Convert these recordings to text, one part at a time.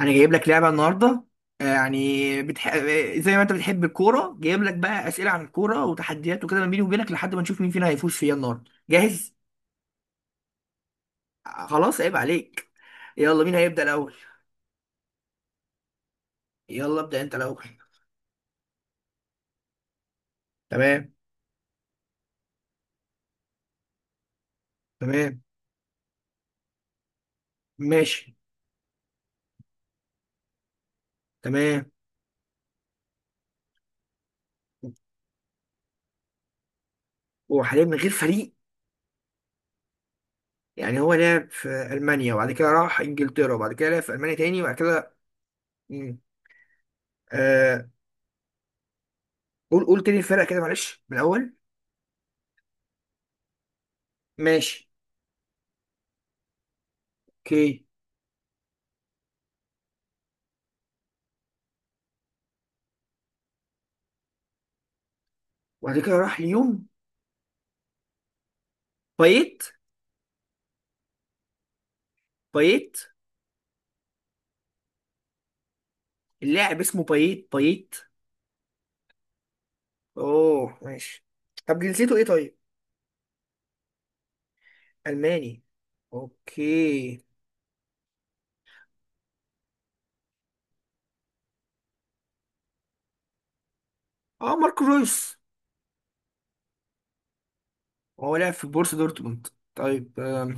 انا جايب لك لعبه النهارده. يعني بتح... آه، زي ما انت بتحب الكوره جايب لك بقى اسئله عن الكوره وتحديات وكده ما بيني وبينك لحد ما نشوف مين فينا هيفوز فيها النهارده. جاهز؟ خلاص عيب عليك. يلا مين هيبدا الاول؟ يلا ابدا انت الاول. تمام. تمام ماشي. تمام وحاليا من غير فريق. يعني هو لعب في المانيا وبعد كده راح انجلترا وبعد كده لعب في المانيا تاني وبعد كده مم. آه... قول قول تاني الفرق كده معلش من الاول. ماشي. اوكي. وبعد كده راح ليون. بايت. بايت. اللاعب اسمه بايت بايت. اوه ماشي. طب جنسيته ايه طيب؟ الماني. اوكي. اه ماركو رويس. هو لعب في بورسا دورتموند. طيب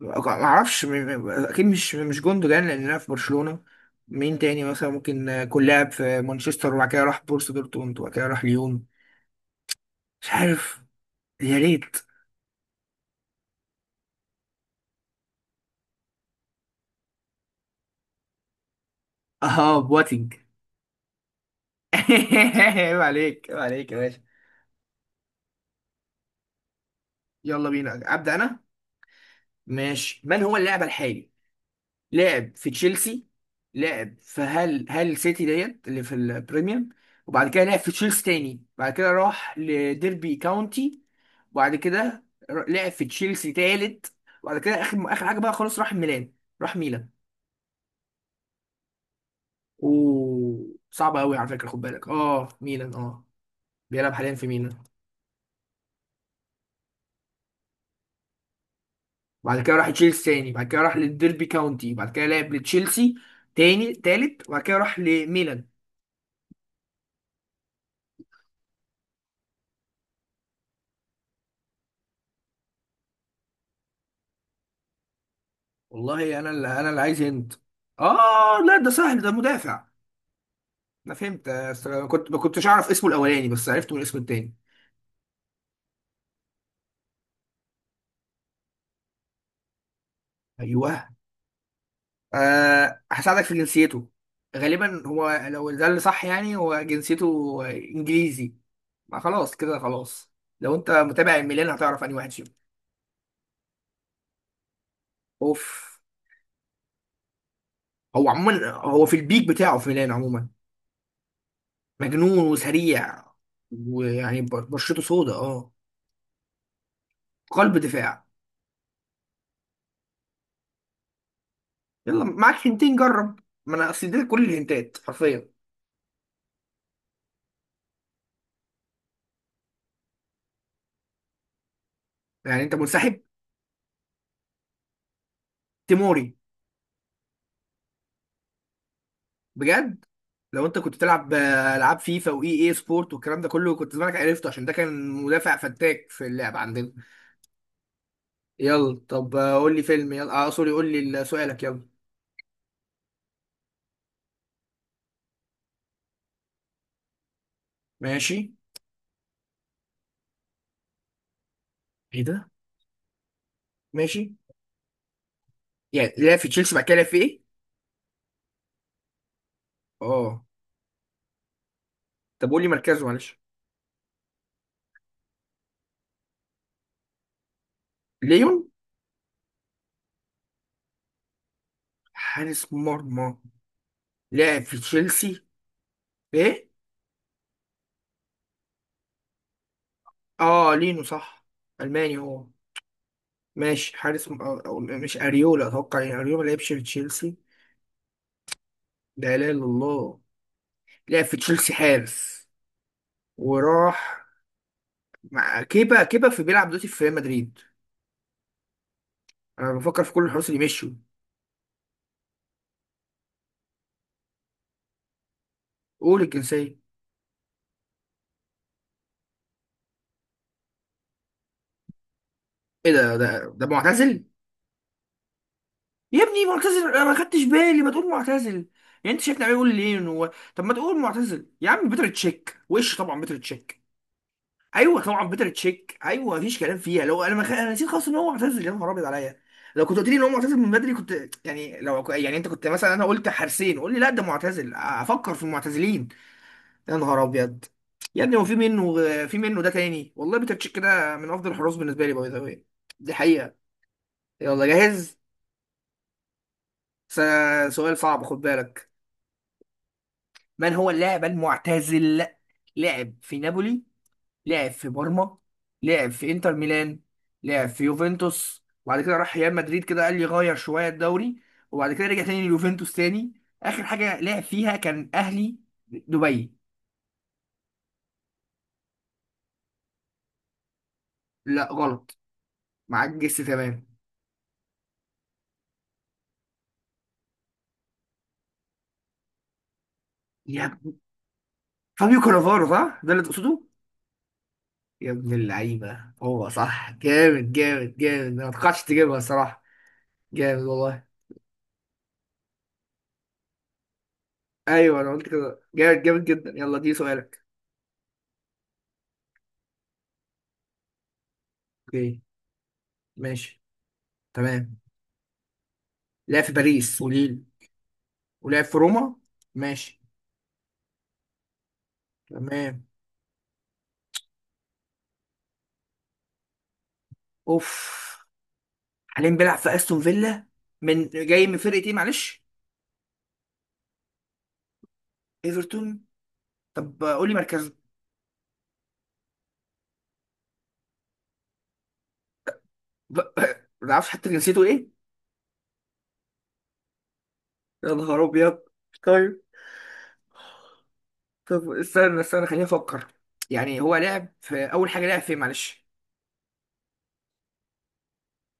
ما اعرفش اكيد مش جوندوجان لان لعب في برشلونة. مين تاني مثلا ممكن يكون لاعب في مانشستر وبعد كده راح بورسا دورتموند وبعد كده راح ليون؟ مش عارف. يا ريت. اه بواتينج. عيب عليك عيب عليك يا باشا. يلا بينا ابدا انا. ماشي. من هو اللاعب الحالي؟ لعب في تشيلسي. لعب في هال سيتي ديت اللي في البريميوم. وبعد كده لعب في تشيلسي تاني بعد كده راح لديربي كاونتي. وبعد كده لعب في تشيلسي تالت. وبعد كده اخر حاجه بقى خلاص راح ميلان. راح ميلان. اوه صعبه قوي على فكره خد بالك اه ميلان اه. بيلعب حاليا في ميلان. بعد كده راح تشيلسي تاني بعد كده راح للديربي كاونتي بعد كده لعب لتشيلسي تاني تالت وبعد كده راح لميلان. والله انا اللي عايز هند. اه لا ده سهل ده مدافع. انا فهمت أصل أنا كنت ما كنتش اعرف اسمه الاولاني بس عرفته من اسمه التاني. ايوه. آه هساعدك في جنسيته. غالبا هو لو ده اللي صح يعني هو جنسيته انجليزي. ما خلاص كده خلاص. لو انت متابع الميلان هتعرف انهي واحد فيهم. اوف. هو عموما هو في البيك بتاعه في ميلان عموما. مجنون وسريع. ويعني بشرته سودا اه. قلب دفاع. يلا معاك هنتين جرب. ما انا اصل دي كل الهنتات حرفيا. يعني انت منسحب؟ تيموري. بجد. لو انت كنت بتلعب العاب فيفا واي اي سبورت والكلام ده كله كنت زمانك عرفته عشان ده كان مدافع فتاك في اللعب عندنا. يلا طب قول لي فيلم يلا اه سوري قول لي سؤالك يلا. ماشي. ايه ده. ماشي. يعني لعب في تشيلسي بعد كده لعب في ايه؟ اه. طب قول لي مركزه معلش. ليون. حارس مرمى. لعب في تشيلسي. ايه. اه لينو صح. الماني هو. ماشي. حارس م... أو... أو... مش اريولا اتوقع يعني اريولا ما لعبش في تشيلسي. ده لا اله الا الله. لعب في تشيلسي حارس. وراح. مع كيبا في بيلعب دلوقتي في ريال مدريد. انا بفكر في كل الحراس اللي مشوا. قول الجنسيه. ايه ده ده معتزل؟ يا ابني معتزل انا ما خدتش بالي ما تقول معتزل. يعني انت شايفني عمال اقول ليه إن هو. طب ما تقول معتزل يا عم. بيتر تشيك وش. طبعا بيتر تشيك. ايوه طبعا بيتر تشيك. ايوه مفيش كلام فيها. لو انا انا نسيت خالص ان هو معتزل. يا نهار ابيض عليا. لو كنت قلت لي ان هو معتزل من بدري كنت يعني لو يعني انت كنت مثلا انا قلت حارسين قول لي لا ده معتزل افكر في المعتزلين. يا نهار ابيض. يا ابني هو في منه. في منه ده تاني والله. بيتر تشيك ده من افضل الحراس بالنسبه لي باي ذا واي. دي حقيقه. يلا جاهز. س... سؤال صعب خد بالك. من هو اللاعب المعتزل؟ لعب في نابولي. لعب في بارما. لعب في انتر ميلان. لعب في يوفنتوس وبعد كده راح ريال مدريد كده قال لي غير شويه الدوري. وبعد كده رجع تاني ليوفنتوس تاني. اخر حاجه لعب فيها كان اهلي دبي. لا غلط. معاك جس تمام. يا ابن- فابيو كانافارو صح ده اللي تقصده. يا ابن اللعيبه هو صح جامد جامد جامد انا ما توقعتش تجيبها الصراحه. جامد والله. ايوه انا قلت كده جامد جامد جدا. يلا دي سؤالك. اوكي. ماشي. تمام. لعب في باريس وليل. ولعب في روما. ماشي. تمام. اوف. حاليا بيلعب في استون فيلا. من جاي من فرقه ايه معلش؟ ايفرتون. طب قول لي مركزه. ب- ما تعرفش حتى جنسيته ايه. يا نهار ابيض. طيب. طب استنى استنى خليني افكر. يعني هو لعب في اول حاجه لعب فين معلش.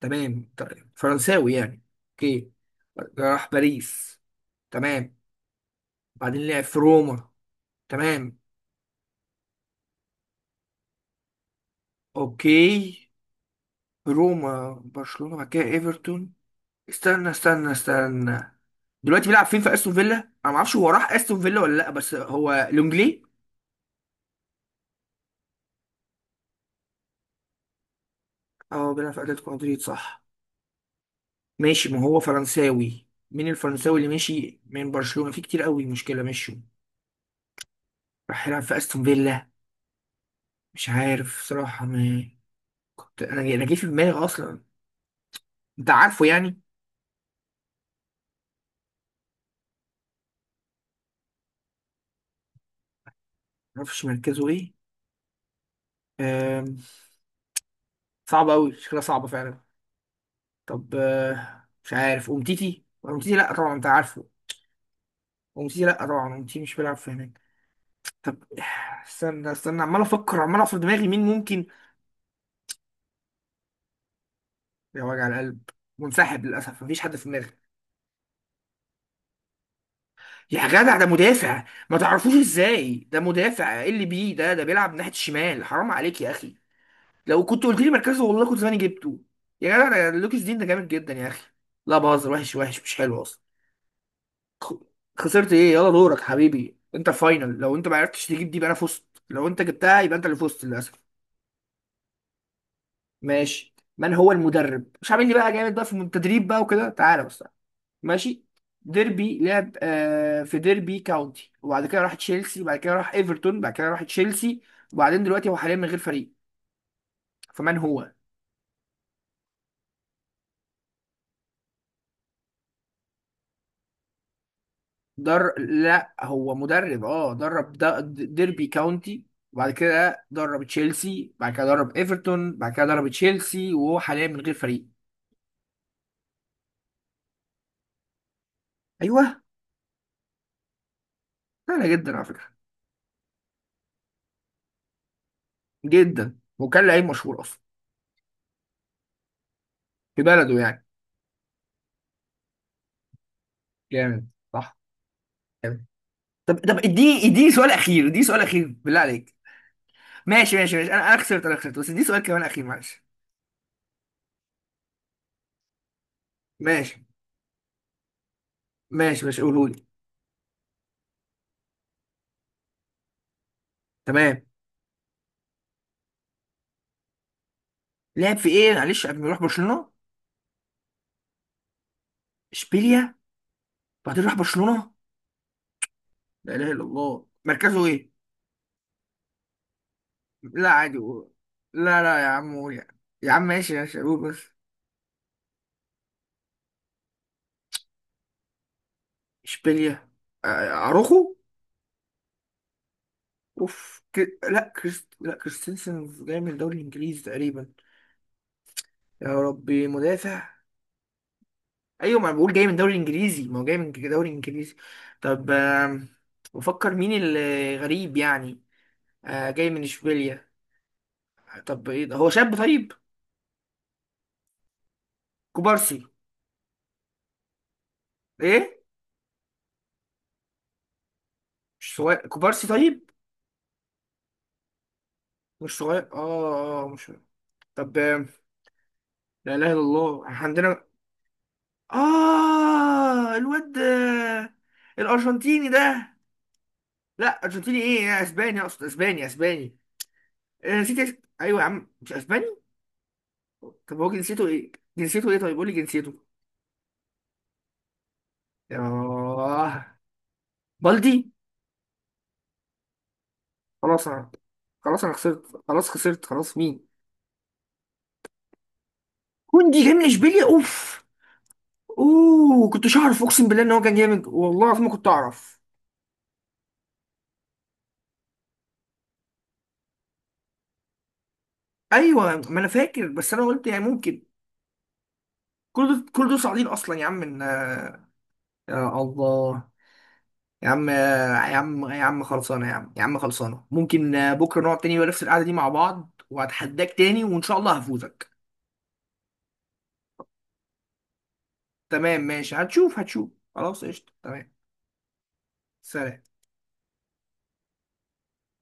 تمام طيب فرنساوي يعني. اوكي. راح باريس. تمام. بعدين لعب في روما. تمام. اوكي. روما برشلونه بعد كده ايفرتون. استنى استنى استنى. دلوقتي بيلعب فين في استون فيلا. انا ما اعرفش هو راح استون فيلا ولا لا بس هو لونجلي. اه بيلعب في اتلتيكو مدريد صح. ماشي. ما هو فرنساوي. مين الفرنساوي اللي ماشي من برشلونة في كتير قوي مشكلة مشوا. راح يلعب في استون فيلا. مش عارف صراحة ما كنت انا جه في دماغي اصلا. انت عارفه. يعني ما اعرفش مركزه ايه. أم... صعب قوي شكلها صعبة فعلا. طب مش عارف امتيتي. امتيتي لا طبعا انت عارفه. امتيتي لا طبعا امتيتي مش بيلعب في هناك. طب. استنى استنى عمال افكر عمال اقف في دماغي مين ممكن. يا وجع القلب. منسحب للاسف مفيش حد في دماغي. يا جدع ده مدافع. ما تعرفوش ازاي ده مدافع ايه اللي بيه ده بيلعب ناحيه الشمال حرام عليك يا اخي. لو كنت قلت لي مركزه والله كنت زماني جبته. يا جدع ده لوكيس دين ده جامد جدا يا اخي. لا بهزر. وحش وحش مش حلو اصلا. خ- خسرت ايه. يلا دورك حبيبي انت فاينل. لو انت ما عرفتش تجيب دي يبقى انا فزت. لو انت جبتها يبقى انت اللي فزت للاسف. ماشي. من هو المدرب مش عامل لي بقى جامد بقى في التدريب بقى وكده تعالى بس تعالى. ماشي. ديربي لعب آه في ديربي كاونتي وبعد كده راح تشيلسي وبعد كده راح ايفرتون بعد كده راح تشيلسي. وبعدين دلوقتي هو حاليا من غير فريق. فمن هو؟ در لا هو مدرب اه ديربي كاونتي. وبعد كده درب تشيلسي بعد كده درب ايفرتون بعد كده درب تشيلسي وهو حاليا من غير فريق. ايوه. سهله جدا على فكره. جدا وكان لعيب مشهور اصلا في بلده يعني. جامد صح. طب اديني سؤال اخير اديني سؤال اخير بالله عليك. ماشي انا انا خسرت بس اديني سؤال كمان اخير معلش. ماشي ماشي قوله لي. تمام. لعب في ايه معلش قبل ما يروح برشلونة؟ اشبيليا. بعدين راح برشلونة. لا اله الا الله مركزه ايه؟ لا عادي قول. لا لا يا عم قول يا عم. يا عم ماشي ماشي قول بس. اشبيليا. اروخو. اوف كر... لا كريست لا كريستنسن جاي من الدوري الانجليزي تقريبا. يا ربي مدافع. ايوه ما أنا بقول جاي من دوري انجليزي ما هو جاي من دوري انجليزي. طب بفكر مين اللي غريب يعني. جاي من اشبيليا. طب ايه ده هو شاب طيب. كوبارسي. ايه. مش صغير كوبارسي طيب. مش صغير مش. طب لا اله الا الله إحنا عندنا اه الواد الارجنتيني ده. لا ارجنتيني ايه إيه، اسباني اقصد اسباني اسباني. نسيت ايوه يا عم مش اسباني. طب هو جنسيته ايه؟ جنسيته ايه طيب قول لي جنسيته. ياه. بالدي. خلاص انا خلاص انا خسرت خلاص خسرت خلاص مين. كوندي جاي من اشبيليا اوف. اوه كنتش اعرف اقسم بالله ان هو كان جامد والله العظيم ما كنت اعرف. ايوه ما انا فاكر بس انا قلت يعني ممكن. كل دول صاعدين اصلا يا عم من يا الله. يا عم يا عم يا عم خلصانه يا عم يا عم خلصانه ممكن بكره نقعد تاني ونفس القعده دي مع بعض وهتحداك تاني وان شاء الله هفوزك. تمام ماشي هتشوف هتشوف. خلاص قشطه تمام. سلام.